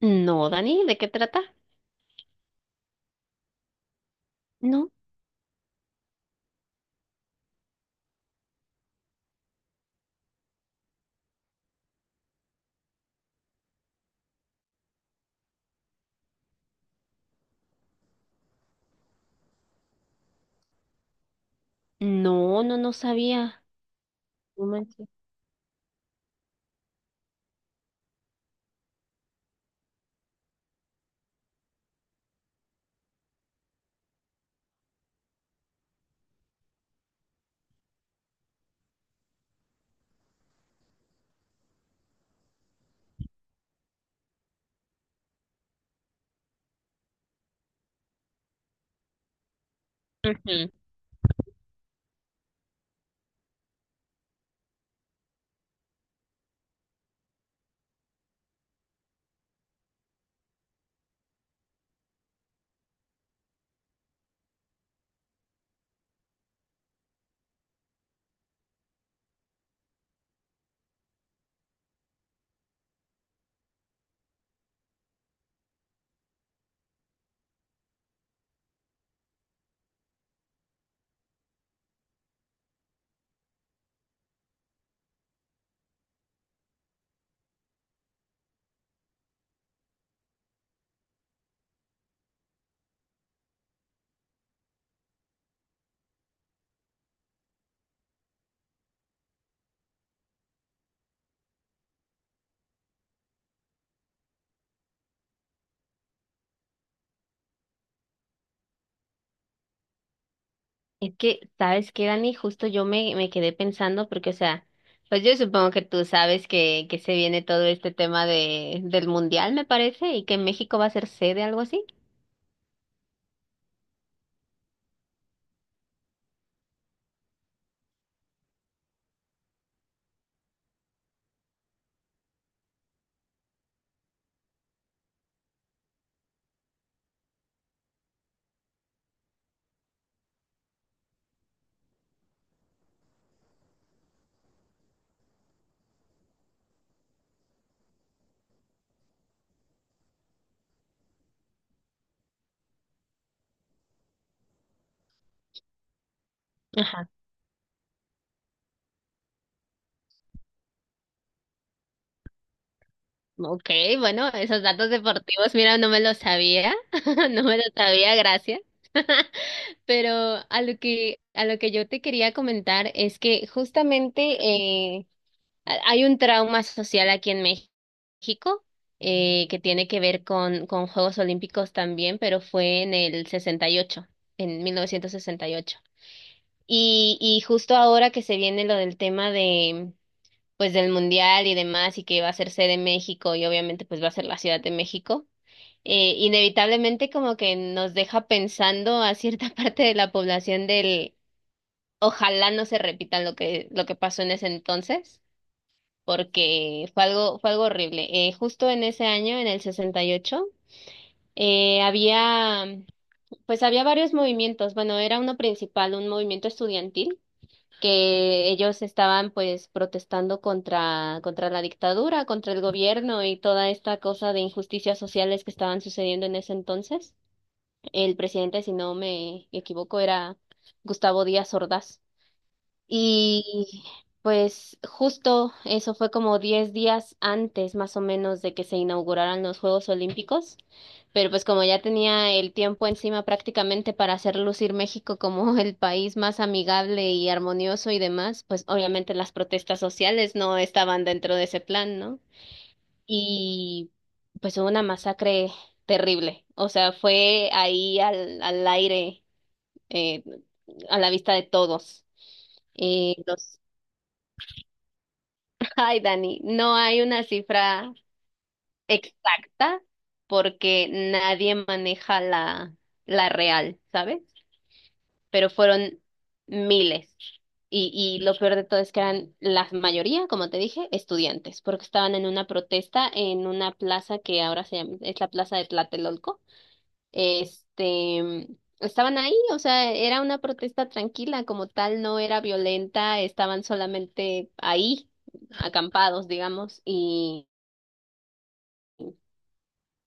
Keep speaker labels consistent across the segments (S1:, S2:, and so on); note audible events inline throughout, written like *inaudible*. S1: No, Dani, ¿de qué trata? No, no, no, no sabía. No manches. Ujú. Es que, ¿sabes qué, Dani? Justo yo me quedé pensando porque, o sea, pues yo supongo que tú sabes que se viene todo este tema de, del mundial, me parece, y que México va a ser sede, algo así. Ajá. Ok, bueno, esos datos deportivos, mira, no me los sabía, *laughs* no me los sabía, gracias. *laughs* Pero a lo que yo te quería comentar es que justamente hay un trauma social aquí en México que tiene que ver con Juegos Olímpicos también, pero fue en el 68, en 1968. Y, ocho. Y justo ahora que se viene lo del tema de, pues, del Mundial y demás, y que va a ser sede México y obviamente pues va a ser la Ciudad de México, inevitablemente como que nos deja pensando a cierta *laughs* parte de la población del ojalá no se repita lo que pasó en ese entonces porque fue algo horrible. Justo en ese año, en el 68, había, pues había varios movimientos. Bueno, era uno principal, un movimiento estudiantil, que ellos estaban pues protestando contra la dictadura, contra el gobierno y toda esta cosa de injusticias sociales que estaban sucediendo en ese entonces. El presidente, si no me equivoco, era Gustavo Díaz Ordaz. Y pues justo eso fue como 10 días antes más o menos de que se inauguraran los Juegos Olímpicos, pero pues como ya tenía el tiempo encima prácticamente para hacer lucir México como *laughs* el país más amigable y armonioso y demás, pues obviamente las protestas sociales no estaban dentro de ese plan, ¿no? Y pues hubo una masacre terrible, o sea, fue ahí al aire, eh, a la vista de todos. Los Ay, Dani, no hay una cifra exacta porque nadie maneja la real, ¿sabes? Pero fueron miles. Y, y lo peor de todo es que eran la mayoría, como te dije, estudiantes, porque estaban en una protesta en una plaza que ahora se llama, es la plaza de Tlatelolco. Este, estaban ahí, o sea, era una protesta tranquila, como tal, no era violenta, estaban solamente ahí acampados, digamos,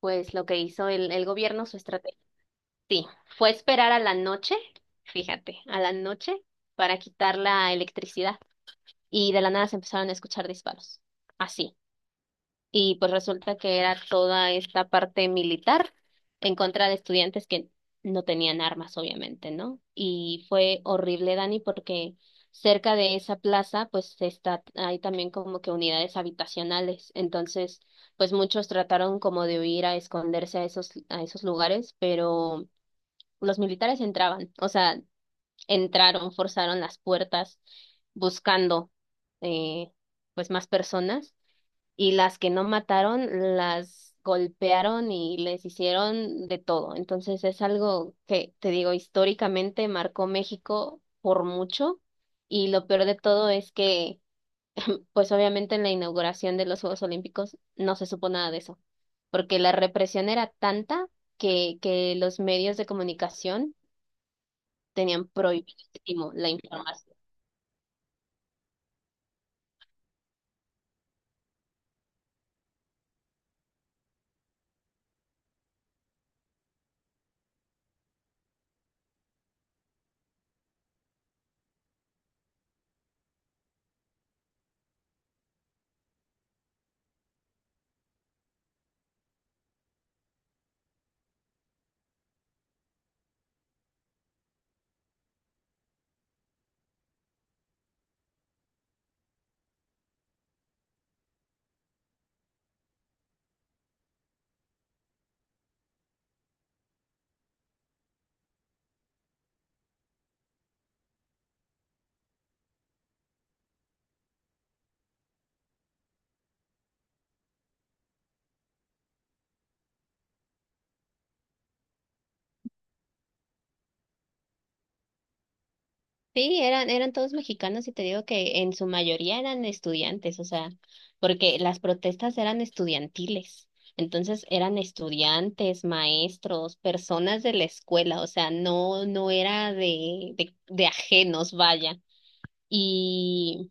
S1: pues lo que hizo el gobierno, su estrategia, sí, fue esperar a la noche, fíjate, a la noche para quitar la electricidad. Y de la nada se empezaron a escuchar disparos. Así y pues resulta que era toda esta parte militar en contra de estudiantes que no tenían armas, obviamente, ¿no? Y fue horrible, Dani, porque cerca de esa plaza, pues está, hay también como que unidades habitacionales, entonces, pues muchos trataron como de huir a esconderse a esos lugares, pero los militares entraban, o sea, entraron, forzaron las puertas buscando, eh, pues más personas y las que no mataron las golpearon y les hicieron de todo. Entonces es algo que, te digo, históricamente marcó México por mucho y lo peor de todo es que, *laughs* pues obviamente en la inauguración de los Juegos Olímpicos no se supo nada de eso, porque la represión era tanta que los medios de comunicación tenían prohibidísimo la información. Sí, eran todos mexicanos y te digo que en su mayoría eran estudiantes, o sea, porque las protestas eran estudiantiles. Entonces eran estudiantes, maestros, personas de la escuela, o sea, no, no era de ajenos, vaya. Y,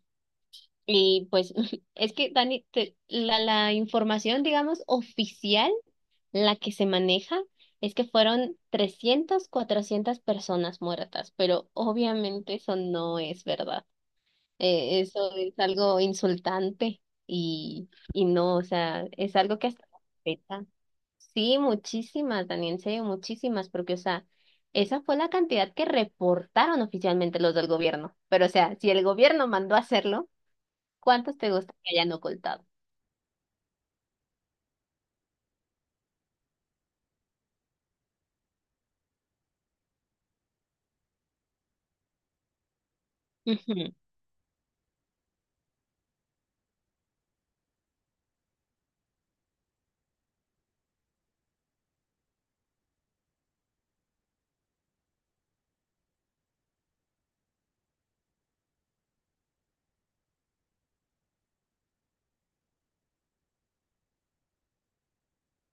S1: y pues *laughs* es que, Dani, la información, digamos, oficial, la que se maneja, es que fueron 300, 400 personas muertas, pero obviamente eso no es verdad. Eso es algo insultante y no, o sea, es algo que hasta afecta. Sí, muchísimas, Daniel, en serio, muchísimas, porque, o sea, esa fue la cantidad que reportaron oficialmente los del gobierno. Pero, o sea, si el gobierno mandó a hacerlo, ¿cuántos te gusta que hayan ocultado? Ujú.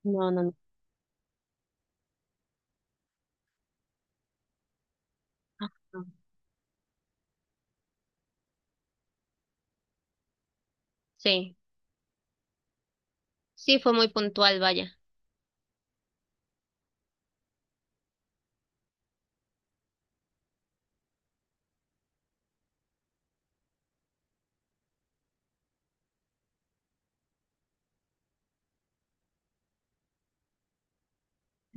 S1: No, no, no. Ajá. Sí, sí, fue muy puntual, vaya.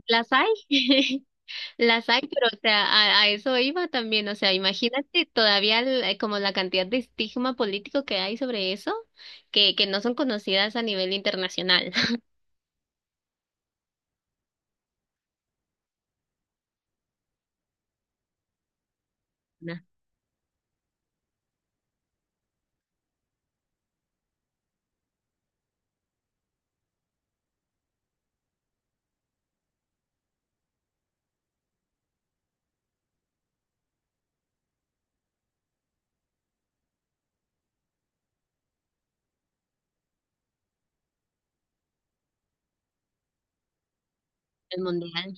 S1: ¿Las hay? *laughs* Las hay, pero o sea, a eso iba también, o sea, imagínate todavía como la cantidad de estigma político que hay sobre eso, que no son conocidas a nivel internacional, *laughs* el mundial.